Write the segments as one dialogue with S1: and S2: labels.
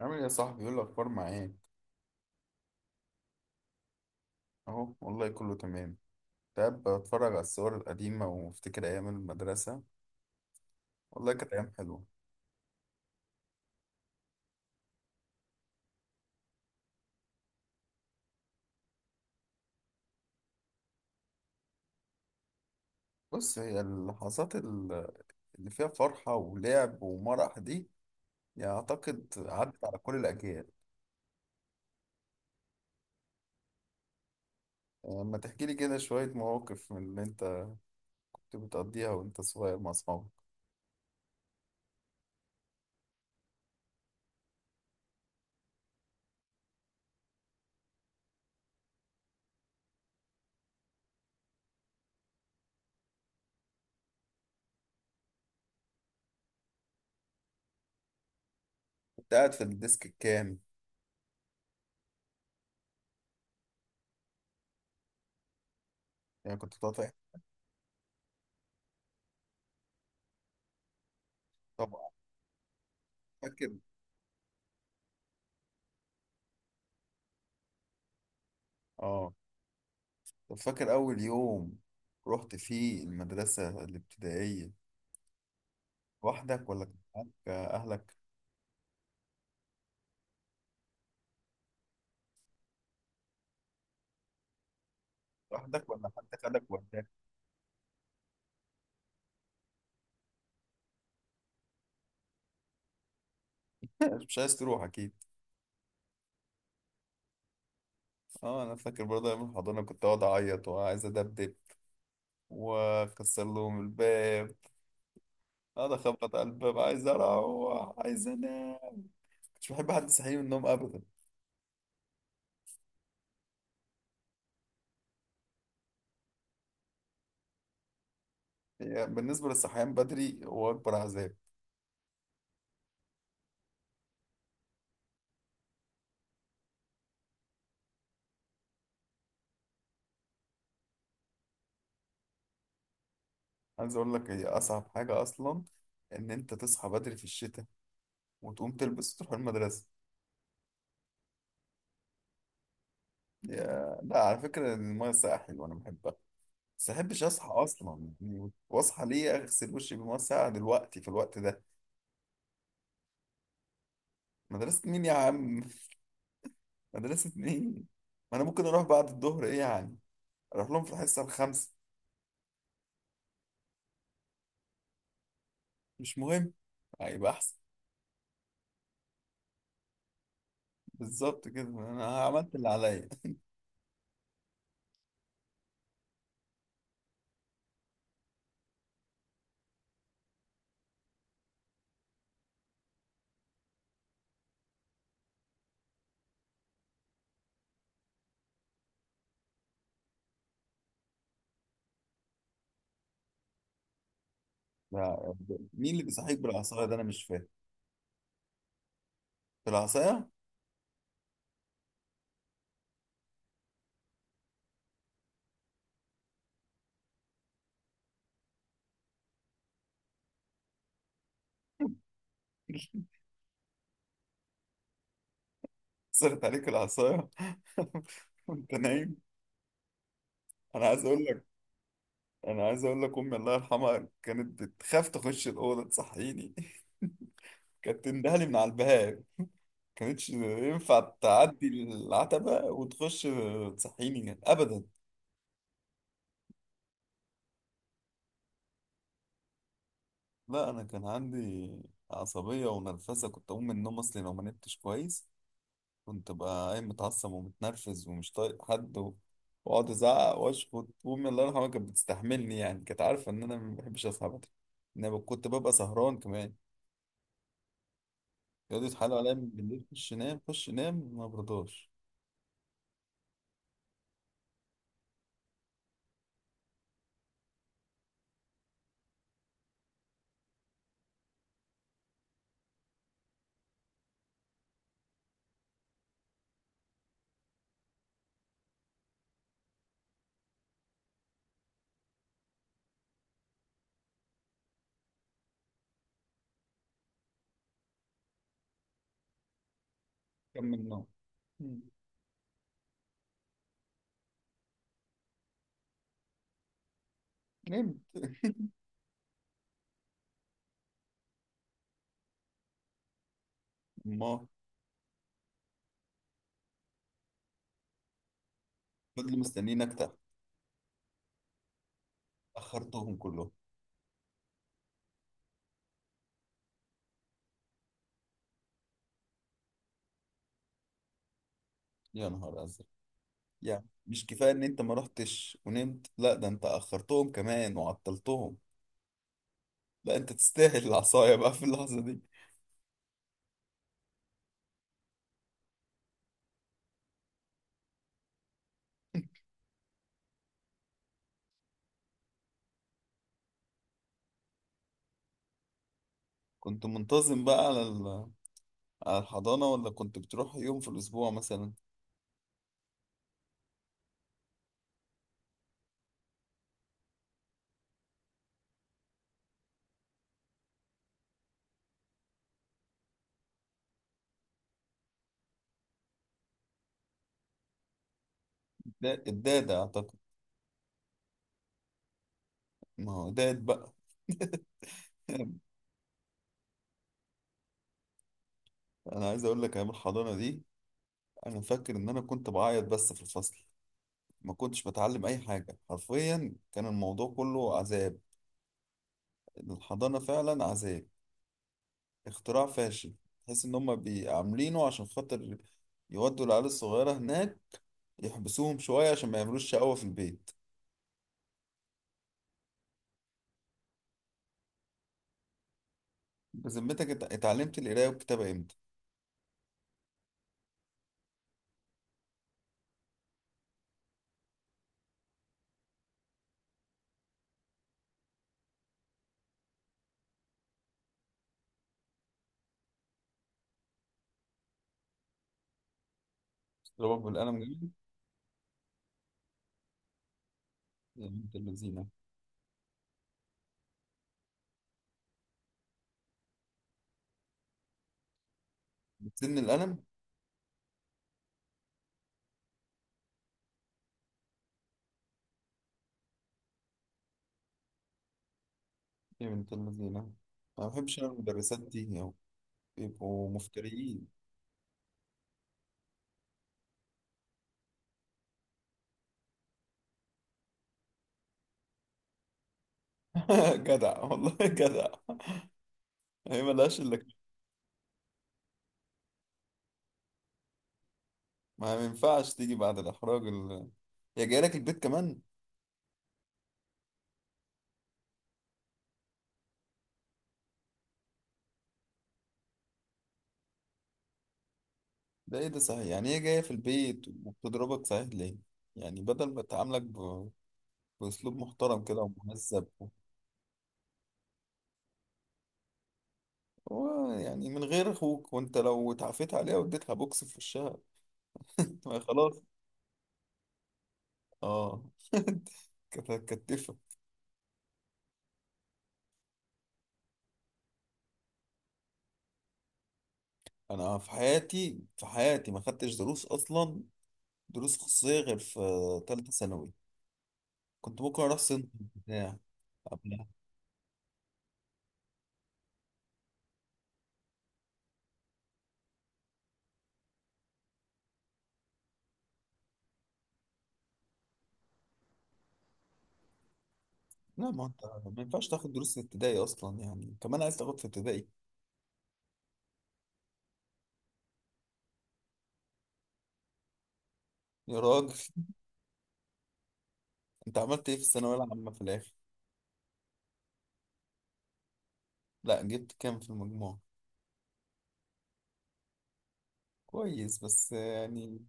S1: عامل ايه يا صاحبي؟ يقول الاخبار معاك. اهو والله كله تمام. تعب بتفرج على الصور القديمه وافتكر ايام المدرسه. والله كانت ايام حلوه. بص، هي اللحظات اللي فيها فرحه ولعب ومرح دي، يعني اعتقد عدت على كل الاجيال. لما تحكي لي كده شويه مواقف من اللي انت كنت بتقضيها وانت صغير مع اصحابك. كنت قاعد في الديسك الكام؟ يعني كنت بتقعد طبعا. فاكر. اه. طب فاكر اول يوم رحت فيه المدرسه الابتدائيه؟ لوحدك ولا كان معاك أهلك؟ لوحدك ولا حد خدك وداك؟ مش عايز تروح أكيد. أه أنا فاكر برضه أيام الحضانة كنت أقعد أعيط وعايز أدبدب وأكسر لهم الباب. أقعد أخبط على الباب، عايز أروح عايز أنام. مش بحب حد يصحيني من النوم أبدا. يعني بالنسبة للصحيان بدري هو أكبر عذاب. عايز أقول لك، هي أصعب حاجة أصلا إن أنت تصحى بدري في الشتاء وتقوم تلبس وتروح المدرسة. يا لا، على فكرة المية الساقعة حلوة أنا بحبها، بس احبش اصحى اصلا، يعني واصحى ليه اغسل وشي بميه ساقعه دلوقتي في الوقت ده؟ مدرسه مين يا عم؟ مدرسه مين؟ ما انا ممكن اروح بعد الظهر، ايه يعني؟ اروح لهم في الحصه الخامسه. مش مهم، هيبقى احسن. بالظبط كده، انا عملت اللي عليا. لا. مين اللي بيصحيك بالعصايه ده؟ انا مش فاهم. بالعصايه؟ صرت عليك العصايه وانت نايم. انا عايز اقول لك، انا عايز اقول لك، امي الله يرحمها كانت بتخاف تخش الاوضه تصحيني. كانت تندهلي من على الباب، كانتش ينفع تعدي العتبة وتخش تصحيني يعني أبدا. لا أنا كان عندي عصبية ونرفزة، كنت أقوم من النوم أصلي لو ما نمتش كويس. كنت بقى قايم متعصب ومتنرفز ومش طايق حد وأقعد أزعق وأشخط، وأمي الله يرحمها كانت بتستحملني، يعني كانت عارفة إن أنا ما بحبش أصحى بدري، إن أنا كنت ببقى سهران كمان. يقعدوا يتحايلوا عليا من بالليل، خش نام خش نام، ما برضاش. كمل نوم. مم. نمت. ما فضلوا مستنيين أكتر. أخرتهم كلهم. يا نهار ازرق. يعني مش كفايه ان انت ما رحتش ونمت، لا ده انت اخرتهم كمان وعطلتهم. لا انت تستاهل العصايه بقى في اللحظه دي. كنت منتظم بقى على على الحضانه، ولا كنت بتروح يوم في الاسبوع مثلا؟ الداده اعتقد. ما هو داد بقى. انا عايز اقول لك، ايام الحضانه دي انا فاكر ان انا كنت بعيط بس في الفصل. ما كنتش بتعلم اي حاجه حرفيا، كان الموضوع كله عذاب. الحضانه فعلا عذاب، اختراع فاشل. تحس ان هم عاملينه عشان خاطر يودوا العيال الصغيرة هناك، يحبسوهم شوية عشان ما يعملوش شقاوة في البيت. بذمتك اتعلمت القراية والكتابة امتى؟ ضربك بالقلم جامد؟ يا بنت اللذينة. بتسن القلم؟ يا بنت اللذينة، أنا ما بحبش أنا المدرسات دي يعني، بيبقوا مفتريين. جدع والله جدع. هي ملهاش إلا كده. ما ينفعش تيجي بعد الإحراج يا جاي لك البيت كمان. ده ايه ده صحيح؟ يعني هي جاية في البيت وبتضربك؟ صحيح ليه؟ يعني بدل ما تعاملك بأسلوب محترم كده ومهذب. هو يعني من غير اخوك، وانت لو اتعافيت عليها واديتها بوكس في وشها؟ ما هي خلاص. اه. كانت هتكتفك. انا في حياتي، في حياتي ما خدتش دروس اصلا، دروس خصوصية، غير في ثالثة ثانوي. كنت ممكن اروح سنة بتاع قبلها. لا ما انت، ما ينفعش تاخد دروس في ابتدائي اصلا، يعني كمان عايز تاخد في ابتدائي؟ يا راجل. انت عملت ايه في الثانوية العامة في الآخر؟ لا جبت كام في المجموع؟ كويس بس يعني.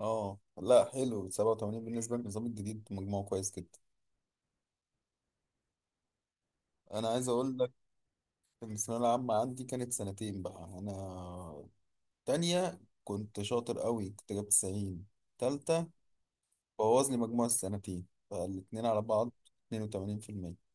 S1: اه لا، حلو، 87 بالنسبة للنظام الجديد مجموع كويس جدا. انا عايز اقول لك ان الثانوية العامة عندي كانت سنتين بقى انا. تانية كنت شاطر قوي، كنت جايب 90. تالتة بوظ لي مجموع السنتين، فالاتنين على بعض 82%.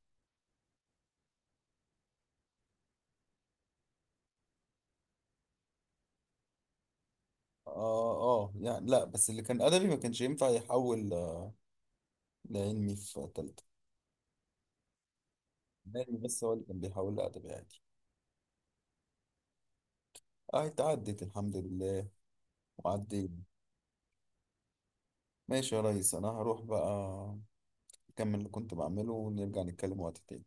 S1: اه. اه يعني، لا بس اللي كان ادبي ما كانش ينفع يحول لعلمي في تالتة. علمي بس هو اللي كان بيحول لأدبي عادي. اه اتعدت الحمد لله، وعدينا. ماشي يا ريس، انا هروح بقى اكمل اللي كنت بعمله، ونرجع نتكلم وقت تاني.